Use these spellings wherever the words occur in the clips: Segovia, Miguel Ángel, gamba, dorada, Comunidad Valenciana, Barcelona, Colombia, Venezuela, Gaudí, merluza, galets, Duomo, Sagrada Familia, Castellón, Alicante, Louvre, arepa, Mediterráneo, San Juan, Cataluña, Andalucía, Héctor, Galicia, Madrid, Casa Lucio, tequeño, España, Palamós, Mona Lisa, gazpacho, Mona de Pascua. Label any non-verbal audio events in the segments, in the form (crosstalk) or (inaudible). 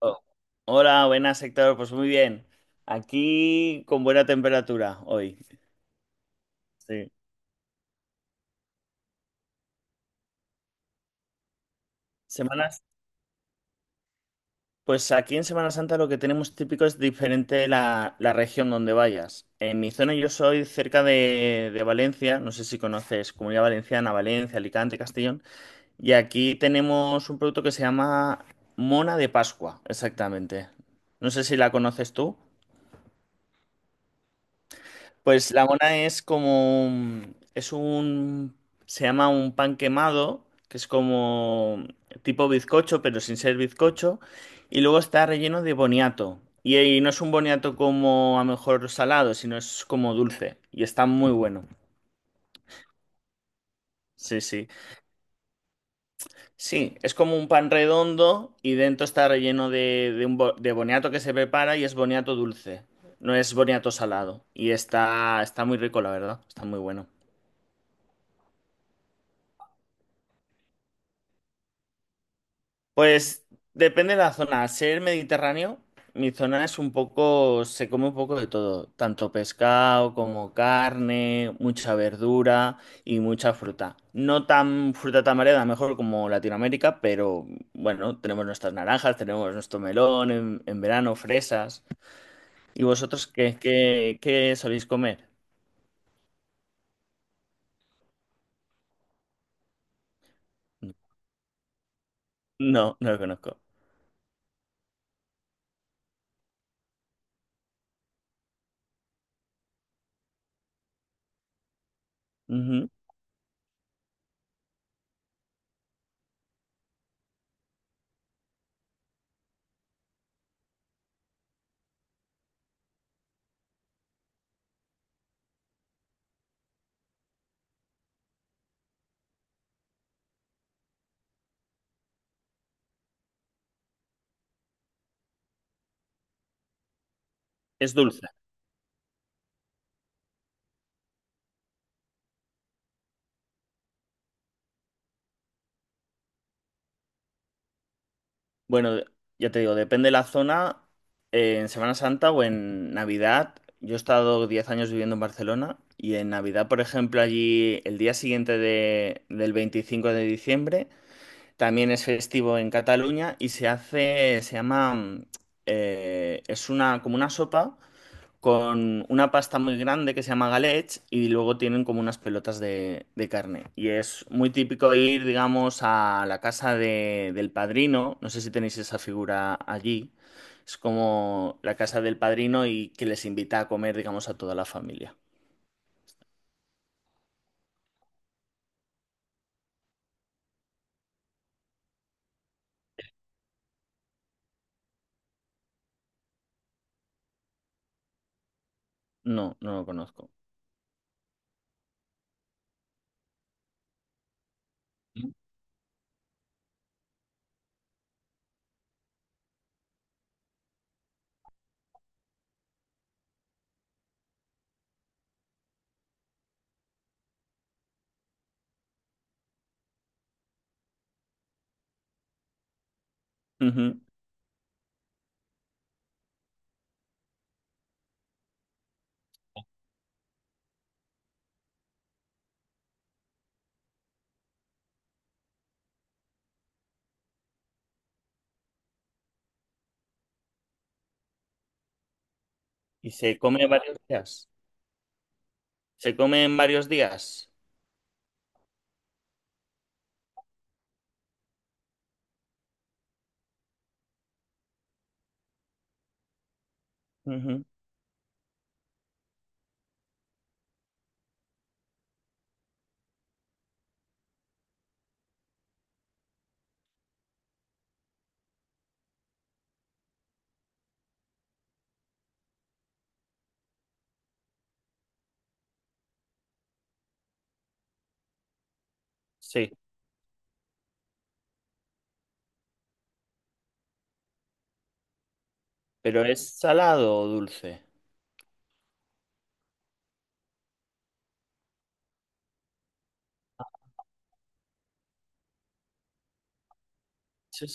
Oh, hola, buenas, Héctor. Pues muy bien. Aquí con buena temperatura hoy. Sí. Semanas. Pues aquí en Semana Santa lo que tenemos típico es diferente la región donde vayas. En mi zona yo soy cerca de Valencia, no sé si conoces Comunidad Valenciana, Valencia, Alicante, Castellón. Y aquí tenemos un producto que se llama Mona de Pascua, exactamente. No sé si la conoces tú. Pues la mona es como, se llama un pan quemado, que es como tipo bizcocho, pero sin ser bizcocho, y luego está relleno de boniato. Y ahí no es un boniato como a lo mejor salado, sino es como dulce, y está muy bueno. Sí, sí. Sí, es como un pan redondo y dentro está relleno de de boniato que se prepara y es boniato dulce, no es boniato salado. Y está muy rico, la verdad, está muy bueno. Pues depende de la zona. Al ser mediterráneo, mi zona es un poco, se come un poco de todo, tanto pescado como carne, mucha verdura y mucha fruta. No tan fruta tan variada, mejor como Latinoamérica, pero bueno, tenemos nuestras naranjas, tenemos nuestro melón en verano, fresas. ¿Y vosotros qué soléis comer? No, no lo conozco. Ujú. Es dulce. Bueno, ya te digo, depende de la zona. En Semana Santa o en Navidad, yo he estado 10 años viviendo en Barcelona y en Navidad, por ejemplo, allí el día siguiente del 25 de diciembre también es festivo en Cataluña y se hace, se llama, es una, como una sopa con una pasta muy grande que se llama galets y luego tienen como unas pelotas de carne. Y es muy típico ir, digamos, a la casa del padrino, no sé si tenéis esa figura allí, es como la casa del padrino y que les invita a comer, digamos, a toda la familia. No, no lo conozco. Ujú. Y se come varios días. Se come en varios días. Ujú. Sí, pero ¿es salado o dulce? Sí.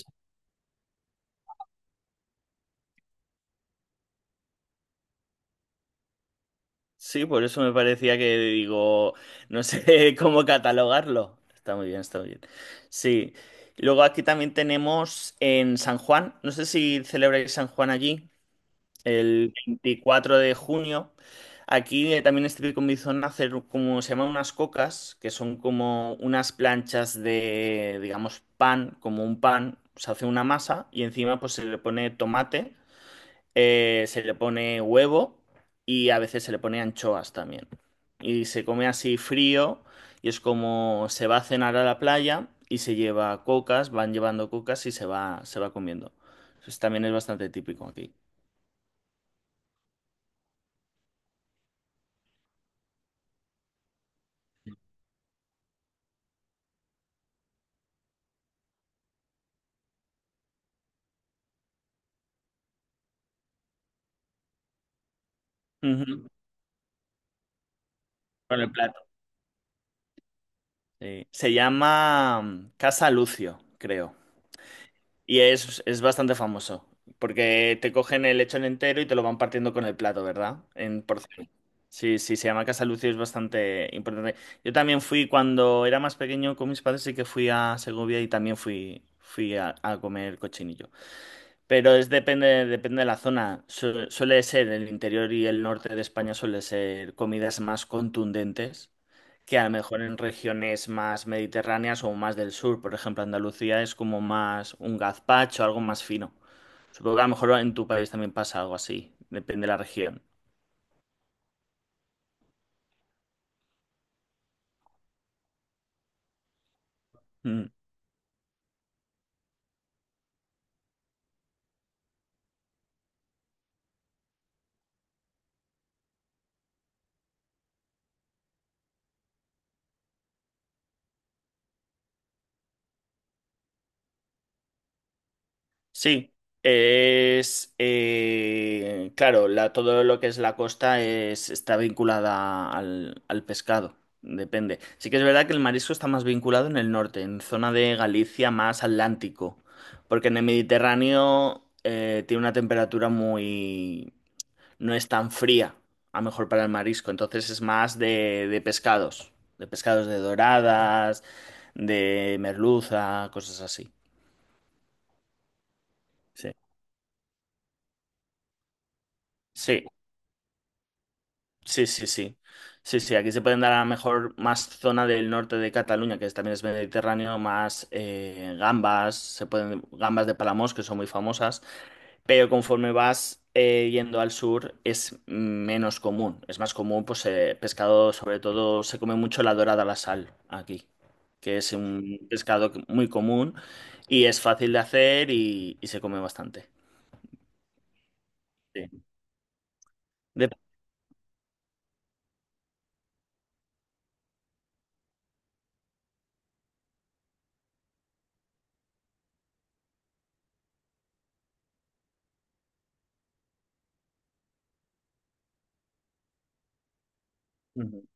Sí, por eso me parecía que digo, no sé (laughs) cómo catalogarlo. Está muy bien, está muy bien. Sí. Luego aquí también tenemos en San Juan, no sé si celebráis San Juan allí, el 24 de junio. Aquí también es típico en mi zona hacer como se llaman unas cocas, que son como unas planchas de, digamos, pan, como un pan. Se hace una masa y encima pues se le pone tomate, se le pone huevo y a veces se le pone anchoas también. Y se come así frío y es como se va a cenar a la playa y se lleva cocas, van llevando cocas y se va comiendo. Eso también es bastante típico aquí. Ujú. Con el plato. Sí. Se llama Casa Lucio, creo. Y es bastante famoso, porque te cogen el lechón entero y te lo van partiendo con el plato, ¿verdad? En porción. Sí, sí, se llama Casa Lucio, es bastante importante. Yo también fui cuando era más pequeño con mis padres, sí que fui a Segovia y también fui a comer cochinillo. Pero es depende de la zona. Suele ser el interior y el norte de España suele ser comidas más contundentes que a lo mejor en regiones más mediterráneas o más del sur, por ejemplo, Andalucía es como más un gazpacho, algo más fino. Supongo que a lo mejor en tu país también pasa algo así, depende de la región. Mm. Sí, es claro, la, todo lo que es la costa está vinculada al pescado, depende. Sí que es verdad que el marisco está más vinculado en el norte, en zona de Galicia más atlántico, porque en el Mediterráneo tiene una temperatura muy, no es tan fría, a lo mejor para el marisco, entonces es más de pescados, de pescados de doradas, de merluza, cosas así. Sí. Sí, sí, sí, sí. Sí, sí, aquí se pueden dar a lo mejor más zona del norte de Cataluña, que también es mediterráneo, más gambas, se pueden, gambas de Palamós, que son muy famosas. Pero conforme vas yendo al sur es menos común. Es más común, pues pescado, sobre todo se come mucho la dorada a la sal aquí, que es un pescado muy común y es fácil de hacer y se come bastante. Sí. De- Ujú.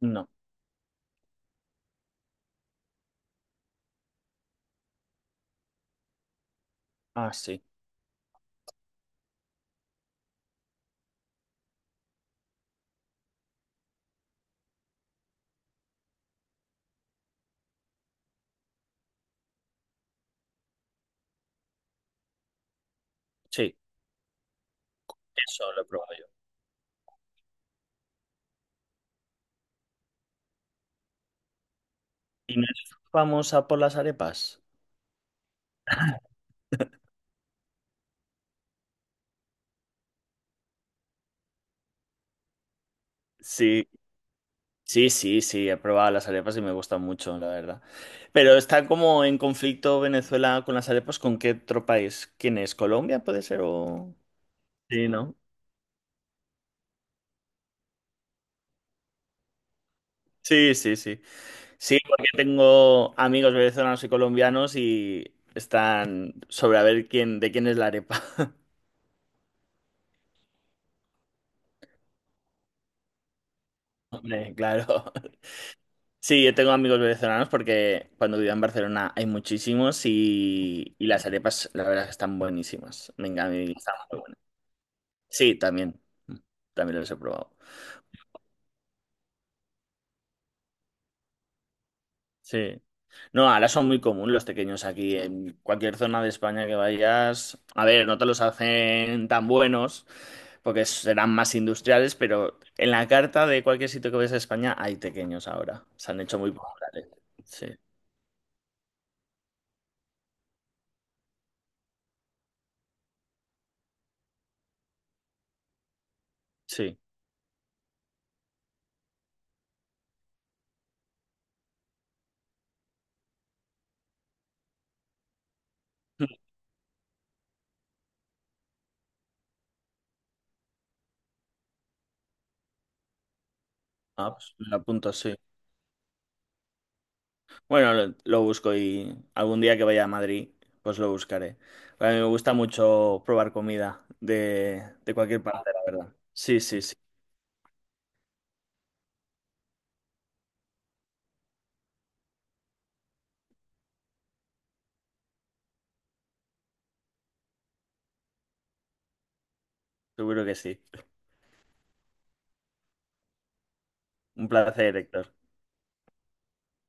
No. Ah, sí. Sí, eso lo he probado yo. ¿Y no es famosa por las arepas? Sí. Sí, sí, sí, he probado las arepas y me gustan mucho, la verdad. Pero está como en conflicto Venezuela con las arepas, ¿con qué otro país? ¿Quién es? ¿Colombia puede ser o...? Sí, ¿no? Sí, sí, sí. Sí, porque tengo amigos venezolanos y colombianos y están sobre a ver quién, de quién es la arepa. (laughs) Hombre, claro. Sí, yo tengo amigos venezolanos porque cuando vivía en Barcelona hay muchísimos y las arepas, la verdad, que están buenísimas. Venga, a mí están. Sí, también. También los he probado. Sí. No, ahora son muy comunes los tequeños aquí. En cualquier zona de España que vayas, a ver, no te los hacen tan buenos porque serán más industriales, pero en la carta de cualquier sitio que vayas a España hay tequeños ahora. Se han hecho muy populares. Sí, sí. (laughs) Ah, pues me lo apunto, sí. Bueno, lo busco y algún día que vaya a Madrid, pues lo buscaré. A mí me gusta mucho probar comida de cualquier parte, la verdad. Sí, sí, sí. Seguro que sí. Un placer, Héctor.